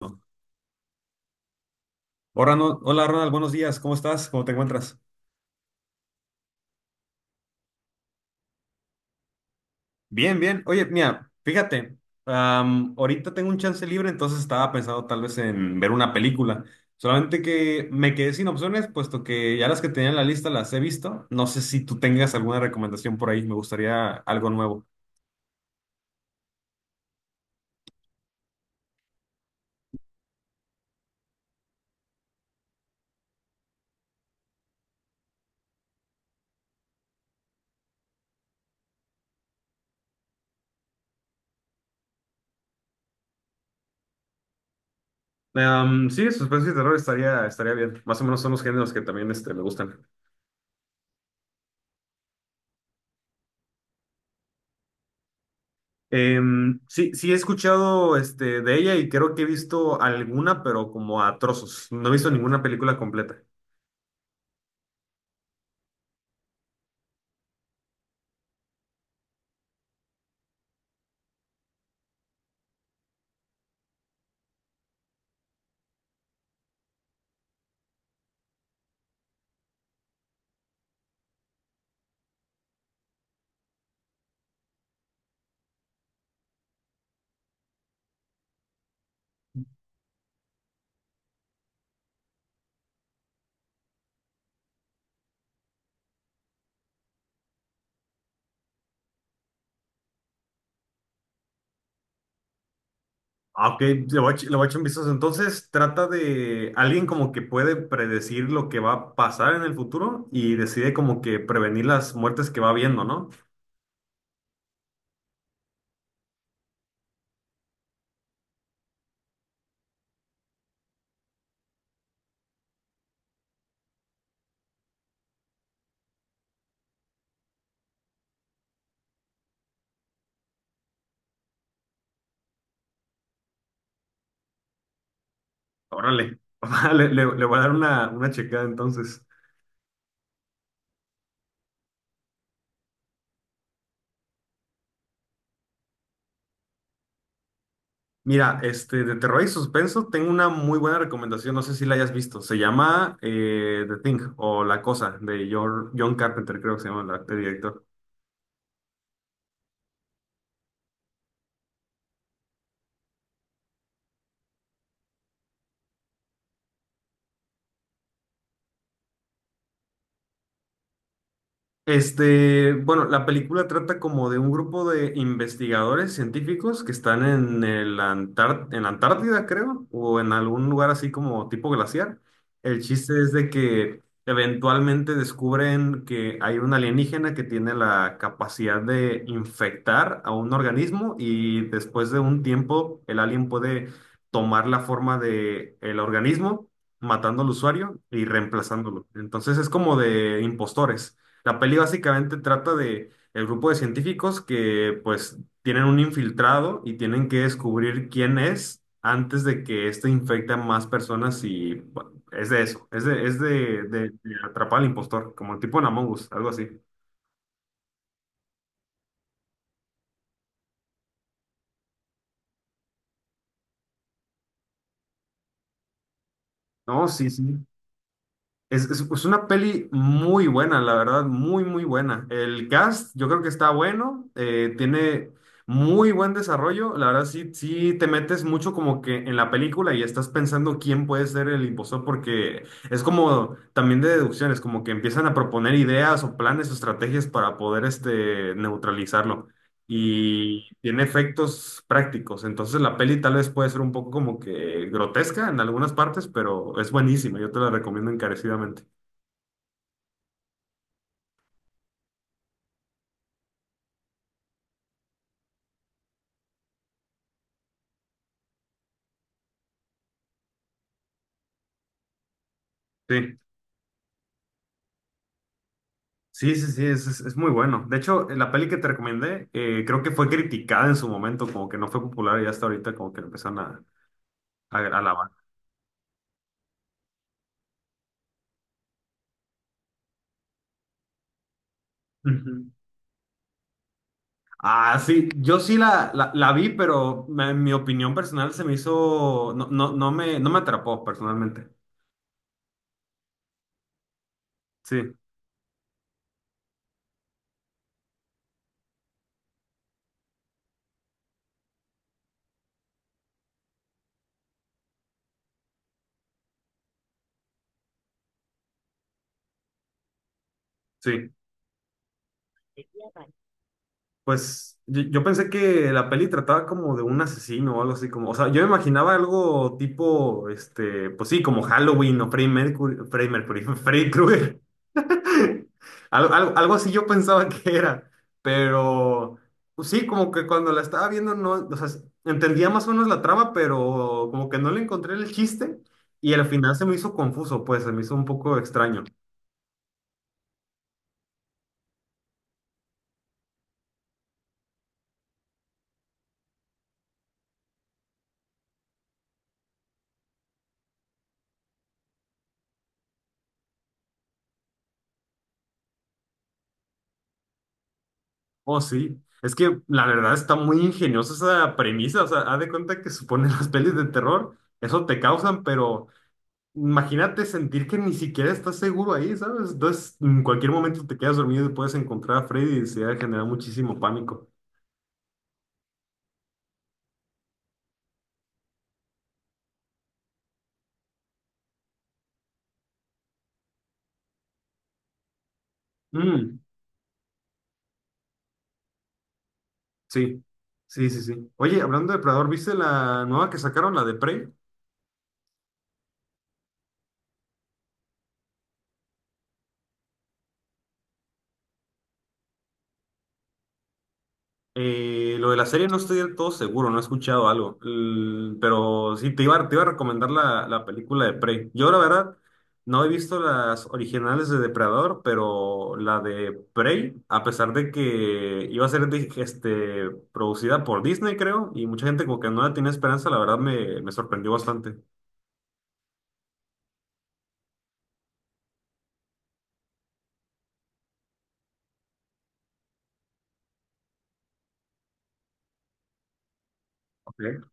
Hola, hola, Ronald, buenos días, ¿cómo estás? ¿Cómo te encuentras? Bien, bien. Oye, mira, fíjate, ahorita tengo un chance libre, entonces estaba pensando tal vez en ver una película. Solamente que me quedé sin opciones, puesto que ya las que tenía en la lista las he visto. No sé si tú tengas alguna recomendación por ahí, me gustaría algo nuevo. Sí, suspenso y terror estaría bien. Más o menos son los géneros que también este, me gustan. Sí, sí he escuchado este, de ella y creo que he visto alguna, pero como a trozos. No he visto ninguna película completa. Ah, ok, le voy a echar un vistazo. Entonces, trata de alguien como que puede predecir lo que va a pasar en el futuro y decide como que prevenir las muertes que va viendo, ¿no? Órale, le voy a dar una checada entonces. Mira, este, de terror y suspenso, tengo una muy buena recomendación, no sé si la hayas visto. Se llama The Thing o La Cosa de John Carpenter, creo que se llama el director. Este, bueno, la película trata como de un grupo de investigadores científicos que están en en la Antártida, creo, o en algún lugar así como tipo glaciar. El chiste es de que eventualmente descubren que hay un alienígena que tiene la capacidad de infectar a un organismo y después de un tiempo el alien puede tomar la forma de el organismo, matando al usuario y reemplazándolo. Entonces es como de impostores. La peli básicamente trata de el grupo de científicos que pues tienen un infiltrado y tienen que descubrir quién es antes de que éste infecte a más personas y bueno, es de eso, de atrapar al impostor, como el tipo en Among Us, algo así. No, sí, sí. Es una peli muy buena, la verdad, muy, muy buena. El cast, yo creo que está bueno, tiene muy buen desarrollo. La verdad, sí, sí te metes mucho como que en la película y estás pensando quién puede ser el impostor, porque es como también de deducciones, como que empiezan a proponer ideas o planes o estrategias para poder este, neutralizarlo y tiene efectos prácticos. Entonces la peli tal vez puede ser un poco como que grotesca en algunas partes, pero es buenísima. Yo te la recomiendo encarecidamente. Sí. Sí, sí, sí, es muy bueno. De hecho, la peli que te recomendé, creo que fue criticada en su momento, como que no fue popular y hasta ahorita como que la empezaron a alabar. Ujú. Ah, sí, yo sí la vi, pero en mi opinión personal se me hizo, no, no, no me atrapó personalmente. Sí, sí. Pues yo pensé que la peli trataba como de un asesino o algo así como, o sea, yo me imaginaba algo tipo, este, pues sí, como Halloween o Freddy Mercury, Freddy Krueger. Algo, algo, algo así yo pensaba que era, pero pues sí, como que cuando la estaba viendo no, o sea, entendía más o menos la trama, pero como que no le encontré el chiste y al final se me hizo confuso, pues se me hizo un poco extraño. Oh, sí. Es que la verdad está muy ingeniosa esa premisa. O sea, haz de cuenta que suponen las pelis de terror, eso te causan, pero imagínate sentir que ni siquiera estás seguro ahí, ¿sabes? Entonces, en cualquier momento te quedas dormido y puedes encontrar a Freddy y se va a generar muchísimo pánico. Mm, sí, sí, sí, sí. Oye, hablando de Predador, ¿viste la nueva que sacaron, la de Prey? Lo de la serie no estoy del todo seguro, no he escuchado algo, pero sí, te iba a recomendar la película de Prey. Yo la verdad no he visto las originales de Depredador, pero la de Prey, a pesar de que iba a ser este, producida por Disney, creo, y mucha gente como que no la tenía esperanza, la verdad me sorprendió bastante. Ok.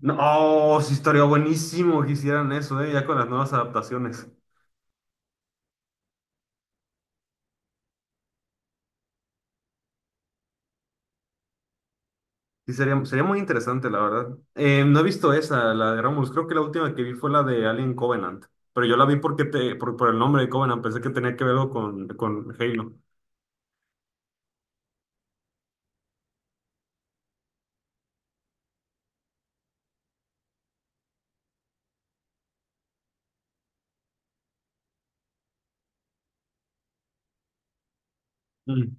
No, oh, sí, estaría buenísimo que hicieran eso, ya con las nuevas adaptaciones. Sí, sería muy interesante, la verdad. No he visto esa, la de Romulus. Creo que la última que vi fue la de Alien Covenant. Pero yo la vi porque por el nombre de Covenant. Pensé que tenía que verlo con Halo. Mm.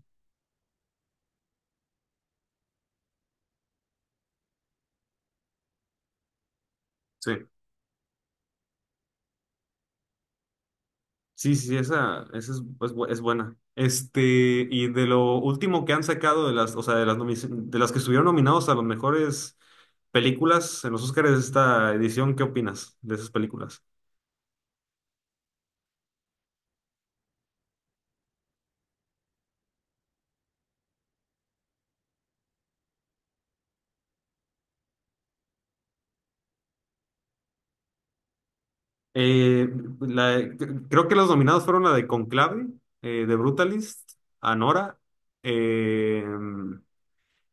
Sí. Sí, sí, esa, es es buena. Este, y de lo último que han sacado de las, o sea, de las que estuvieron nominados a las mejores películas en los Oscars de esta edición, ¿qué opinas de esas películas? Eh, la- Creo que los nominados fueron la de Conclave, de Brutalist, Anora, eh,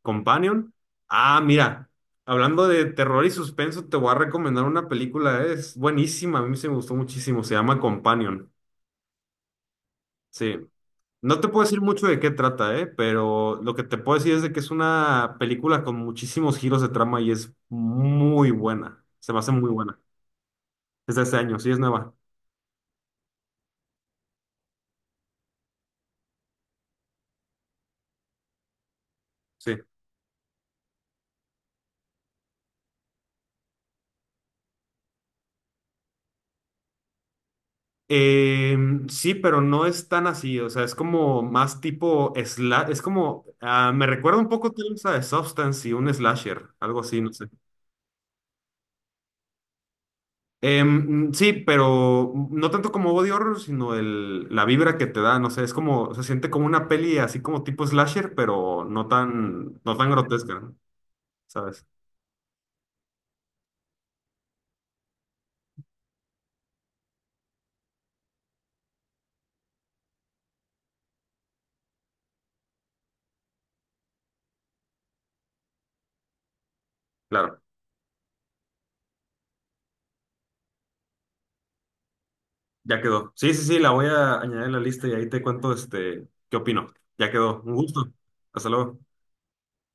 Companion. Ah, mira, hablando de terror y suspenso, te voy a recomendar una película, es buenísima, a mí se me gustó muchísimo, se llama Companion. Sí, no te puedo decir mucho de qué trata, pero lo que te puedo decir es de que es una película con muchísimos giros de trama y es muy buena, se me hace muy buena. Es de este año, sí, es nueva. Sí. Eh, sí, pero no es tan así, o sea, es como más tipo es como, ah, me recuerda un poco tal vez a The Substance y un slasher, algo así, no sé. Sí, pero no tanto como body horror, sino la vibra que te da, no sé, es como, se siente como una peli así como tipo slasher, pero no tan, no tan grotesca, ¿no? ¿Sabes? Claro, ya quedó. Sí, sí, sí, la voy a añadir a la lista y ahí te cuento, este, qué opino. Ya quedó, un gusto. Hasta luego.